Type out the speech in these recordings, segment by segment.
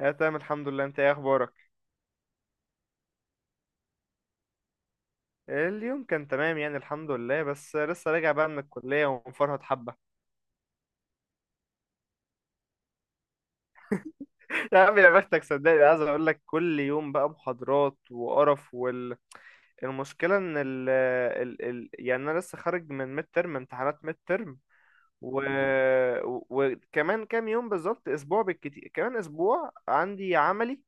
اه تمام، الحمد لله. انت ايه اخبارك؟ اليوم كان تمام يعني، الحمد لله، بس لسه راجع بقى من الكليه ومفرهد حبه. يا عم يا بختك، صدقني. عايز اقول لك كل يوم بقى محاضرات وقرف المشكلة ان ال ال ال يعني انا لسه خارج من ميد ترم، امتحانات ميد ترم. و... وكمان كام يوم، بالظبط اسبوع، بالكتير كمان اسبوع عندي عملي.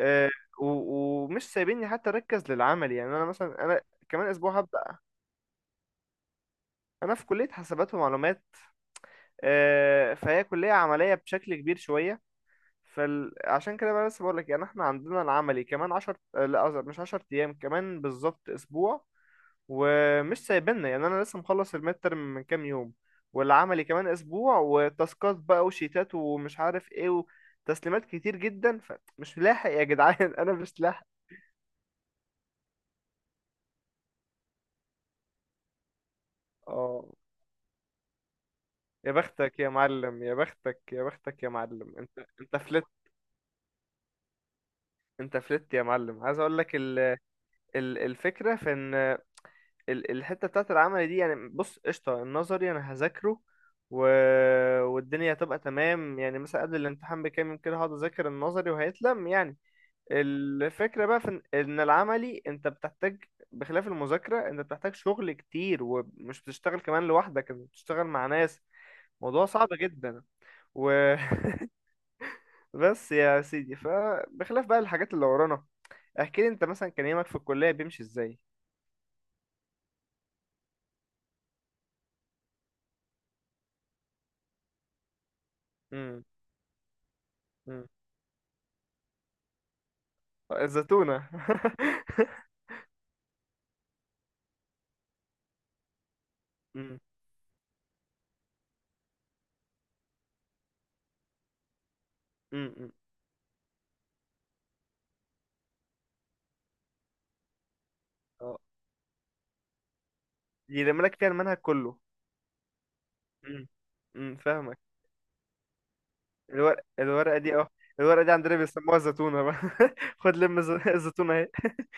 آه، و... ومش سايبيني حتى اركز للعمل. يعني انا مثلا كمان اسبوع هبدأ. انا في كلية حسابات ومعلومات، فهي كلية عملية بشكل كبير شوية. فعشان كده بقى لسه بقولك يعني احنا عندنا العملي كمان عشر، لا قصدي مش عشر أيام، كمان بالظبط أسبوع. ومش سايبنا يعني. أنا لسه مخلص الميد ترم من كام يوم، والعملي كمان أسبوع، وتاسكات بقى وشيتات ومش عارف ايه، وتسليمات كتير جدا. فمش لاحق يا جدعان. أنا مش لاحق. اه يا بختك يا معلم، يا بختك، يا بختك يا معلم. انت فلت. انت فلت يا معلم. عايز اقول لك الفكرة في ان الحتة بتاعت العمل دي، يعني بص، قشطة، النظري أنا هذاكره، و... والدنيا هتبقى تمام. يعني مثلا قبل الامتحان بكام يوم كده هقعد أذاكر النظري وهيتلم يعني. الفكرة بقى في إن العملي أنت بتحتاج، بخلاف المذاكرة، أنت بتحتاج شغل كتير، ومش بتشتغل كمان لوحدك، أنت بتشتغل مع ناس. موضوع صعب جدا. و... بس يا سيدي، فبخلاف بقى الحاجات اللي ورانا، احكي لي أنت مثلا كان يومك في الكلية بيمشي إزاي؟ امم الزتونة. مم. مم. مم. اه، يرمي لك فيها المنهج كله. مم. مم. فاهمك. الورقة دي، اه. الورقة دي عندنا بيسموها الزتونة بقى. خد لم الزتونة اهي.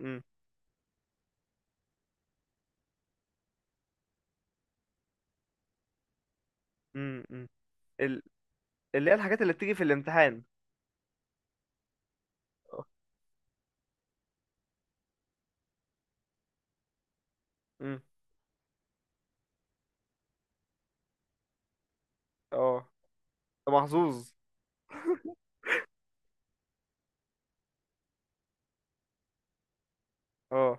مم. مم. مم. ال- اللي هي الحاجات اللي بتيجي في الامتحان. اه. مم. اه. انت محظوظ. اه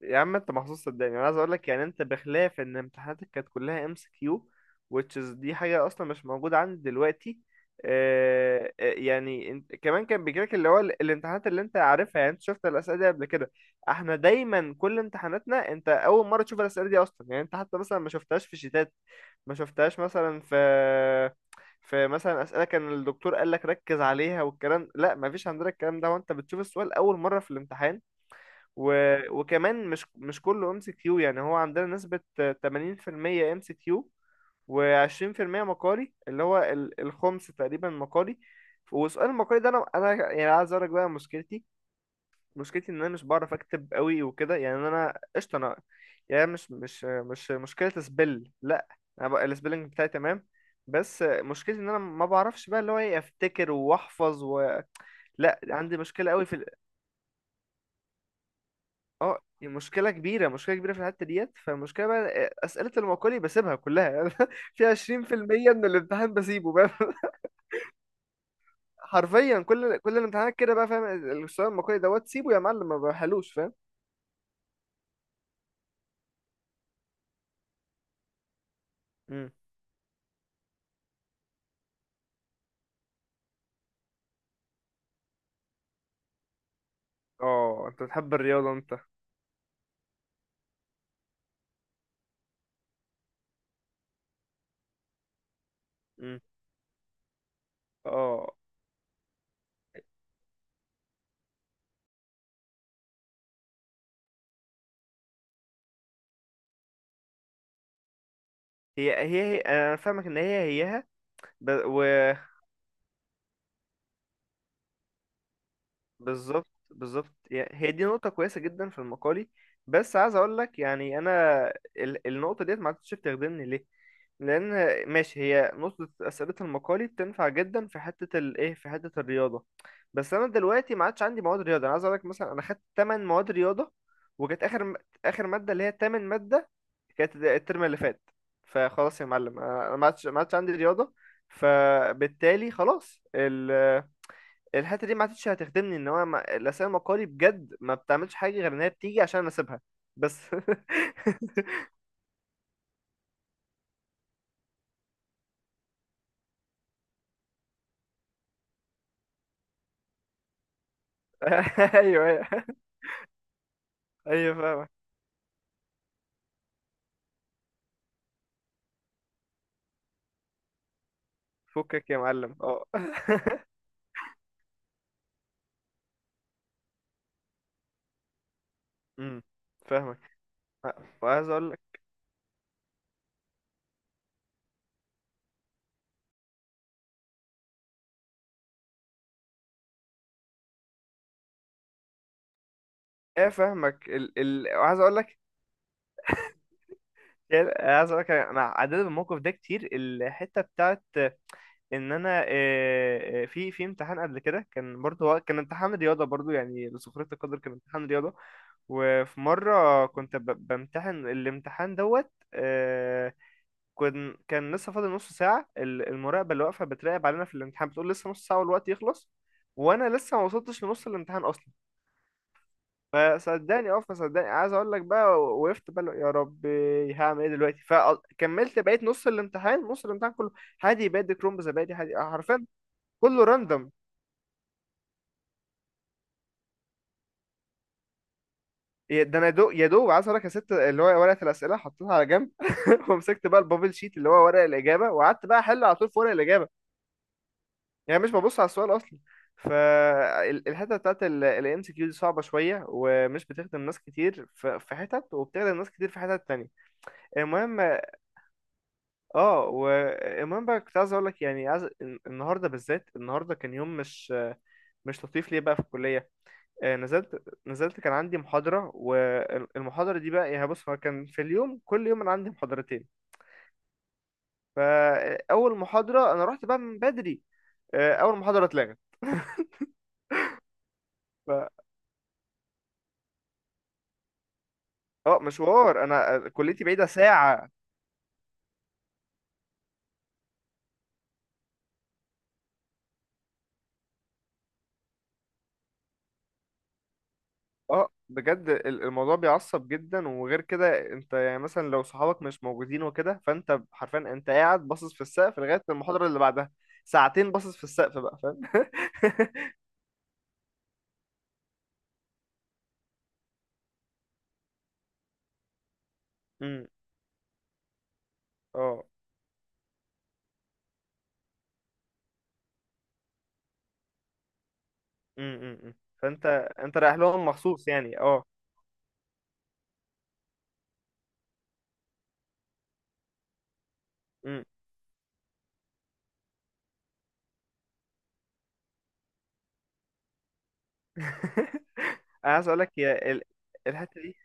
يا عم انت محظوظ، صدقني. انا عايز اقول لك يعني، انت بخلاف ان امتحاناتك كانت كلها ام سي كيو، which is دي حاجه اصلا مش موجوده عندي دلوقتي. يعني انت كمان كان بيجيلك اللي هو الامتحانات اللي انت عارفها. يعني انت شفت الاسئله دي قبل كده. احنا دايما كل امتحاناتنا انت اول مره تشوف الاسئله دي اصلا. يعني انت حتى مثلا ما شفتهاش في شيتات، ما شفتهاش مثلا في مثلا اسئله كان الدكتور قال لك ركز عليها والكلام. لا، ما فيش عندنا الكلام ده، وانت بتشوف السؤال اول مره في الامتحان. و... وكمان مش كله ام سي كيو. يعني هو عندنا نسبة 80% ام سي كيو و20% مقالي، اللي هو الخمس تقريبا مقالي. وسؤال المقالي ده انا، يعني عايز اقول لك بقى مشكلتي. مشكلتي ان انا مش بعرف اكتب قوي وكده. يعني انا قشطه، انا يعني مش مشكله سبل، لا. انا بقى السبيلنج بتاعي تمام. بس مشكلتي ان انا ما بعرفش بقى اللي هو ايه، افتكر واحفظ لا عندي مشكله قوي في، اه، مشكلة كبيرة، مشكلة كبيرة في الحتة ديت. فالمشكلة بقى أسئلة المقالي بسيبها كلها يعني. في 20% من الامتحان بسيبه بقى. حرفيا، كل الامتحانات كده بقى، فاهم؟ السؤال المقالي دوت سيبه يا معلم، ما بحلوش، فاهم. مم. اه، انت بتحب الرياضة انت. مم. اه، هي انا فاهمك ان هي هيها. ب... و... بالظبط، بالظبط، هي دي نقطة كويسة جدا في المقالي. بس عايز اقول لك يعني، انا النقطة ديت ما عادتش بتخدمني. ليه؟ لان ماشي، هي نقطة أسئلة المقالي بتنفع جدا في حتة الايه، في حتة الرياضة، بس انا دلوقتي ما عادش عندي مواد رياضة. انا عايز اقول لك مثلا انا خدت 8 مواد رياضة، وكانت اخر مادة اللي هي تامن مادة كانت الترم اللي فات. فخلاص يا معلم، أنا ما عادش عندي رياضة، فبالتالي خلاص، الحته دي ما عادتش هتخدمني. ان هو ما... الاسئله المقالي بجد ما بتعملش حاجه، غير ان هي بتيجي عشان انا اسيبها بس. ايوه، ايوه، ايوه، فاهمك. فكك يا معلم، اه. امم فاهمك، وعايز اقول لك، ايه، فاهمك، وعايز اقول لك، إيه، عايز اقول لك، انا عديت بالموقف ده كتير. الحته بتاعت ان انا، في امتحان قبل كده كان برضه، هو كان امتحان رياضه برضه، يعني لسخريه القدر كان امتحان رياضه. وفي مره كنت بمتحن الامتحان دوت، كان لسه فاضل نص ساعه. المراقبه اللي واقفه بتراقب علينا في الامتحان بتقول لسه نص ساعه والوقت يخلص، وانا لسه ما وصلتش لنص الامتحان اصلا. فصدقني، عايز اقول لك بقى، وقفت بقى، يا ربي هعمل ايه دلوقتي؟ فكملت بقيت نص الامتحان، كله هادي بادي كرومب زبادي، هادي حرفيا. كله راندوم. ده انا دو يا دوب، عايز اقولك يا ست، اللي هو ورقه الاسئله حطيتها على جنب. ومسكت بقى البابل شيت، اللي هو ورق الاجابه، وقعدت بقى احل على طول في ورق الاجابه. يعني مش ببص على السؤال اصلا. فالحته بتاعت الام سي كيو دي صعبه شويه، ومش بتخدم ناس كتير في حتت، وبتخدم ناس كتير في حتت تانية. المهم. اه، والمهم بقى، كنت عايز اقول لك يعني، عايز، النهارده بالذات، النهارده كان يوم مش لطيف ليه بقى في الكلية. نزلت، كان عندي محاضرة، والمحاضرة دي بقى يعني، بص، هو كان في اليوم، كل يوم أنا عندي محاضرتين. فأول محاضرة أنا رحت بقى من بدري. أول محاضرة اتلغت. ف اه، مشوار. أنا كليتي بعيدة ساعة. اه بجد، الموضوع بيعصب جدا. وغير كده انت، يعني مثلا لو صحابك مش موجودين وكده، فانت حرفيا انت قاعد باصص في السقف لغاية المحاضرة اللي بعدها. ساعتين باصص في السقف بقى، فاهم. امم اه. أمم، أمم. فانت، انت رايح لهم مخصوص يعني، اه. مم. انا عايز اقول لك يا الحته دي،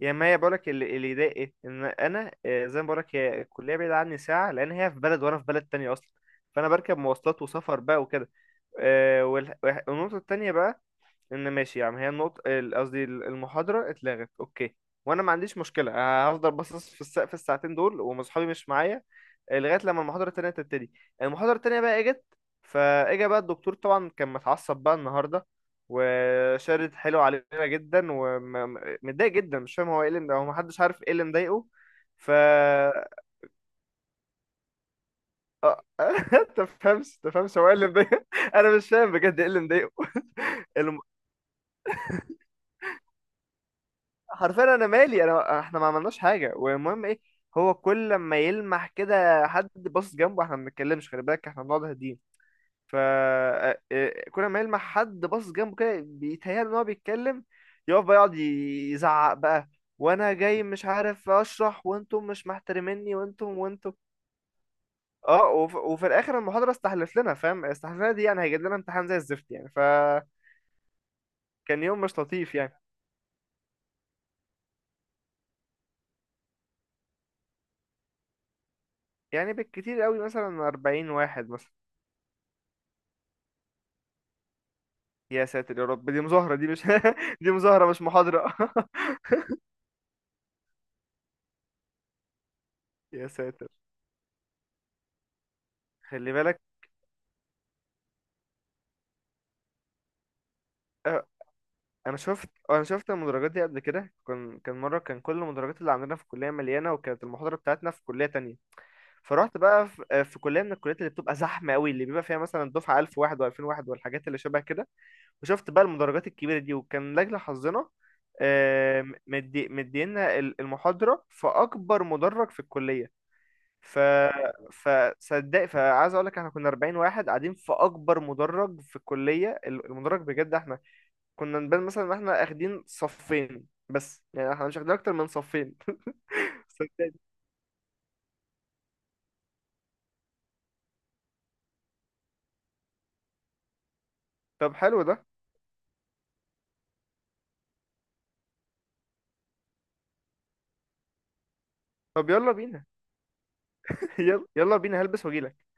يا ما هي. بقول لك اللي ضايق، ان انا زي ما بقول لك هي الكليه بعيده عني ساعه، لان هي في بلد وانا في بلد تانية اصلا، فانا بركب مواصلات وسفر بقى وكده. والنقطه التانية بقى، ان ماشي يا عم هي النقطة قصدي المحاضرة اتلغت، اوكي، وانا ما عنديش مشكلة، أنا هفضل باصص في السقف الساعتين دول ومصحابي مش معايا، لغاية لما المحاضرة التانية تبتدي. المحاضرة التانية بقى اجت، فاجا بقى الدكتور طبعا، كان متعصب بقى النهاردة، وشارد حلو علينا جدا ومتضايق جدا. مش فاهم هو ايه اللي مضايقه، هو محدش عارف ايه اللي مضايقه. ف آه، تفهمش هو ايه اللي مضايقه. انا مش فاهم بجد ايه اللي مضايقه. حرفيا، انا مالي؟ انا، احنا ما عملناش حاجه، والمهم ايه. هو كل ما يلمح كده حد باصص جنبه، احنا ما بنتكلمش، خلي بالك، احنا بنقعد هاديين. ف آه، آه، كل ما يلمح حد باصص جنبه كده بيتهيأله ان هو بيتكلم، يقف بقى يقعد يزعق بقى، وانا جاي مش عارف اشرح، وانتم مش محترميني، وانتم وانتم. اه وفي الاخر المحاضره استحلف لنا، فاهم، استحلف لنا دي يعني هيجيب لنا امتحان زي الزفت يعني. فكان يوم مش لطيف يعني. يعني بالكتير قوي مثلا 40 واحد مثلا. يا ساتر يا رب، دي مظاهرة دي مش، دي مظاهرة مش محاضرة. يا ساتر، خلي بالك. آه، انا شفت المدرجات دي قبل كده، كان مره كل المدرجات اللي عندنا في الكليه مليانه، وكانت المحاضره بتاعتنا في كليه تانية. فرحت بقى في كليه من الكليات اللي بتبقى زحمه قوي، اللي بيبقى فيها مثلا دفعه 1000 واحد و2000 واحد والحاجات اللي شبه كده. وشفت بقى المدرجات الكبيره دي، وكان لاجل حظنا، مدينا المحاضره في اكبر مدرج في الكليه. ف فصدق فعايز اقول لك احنا كنا 40 واحد قاعدين في اكبر مدرج في الكليه. المدرج بجد احنا كنا نبان مثلا ان احنا اخدين صفين بس، يعني احنا مش اخدين اكتر من صفين. صدقني. طب حلو ده، طب يلا بينا. يلا، يلا بينا، هلبس واجيلك.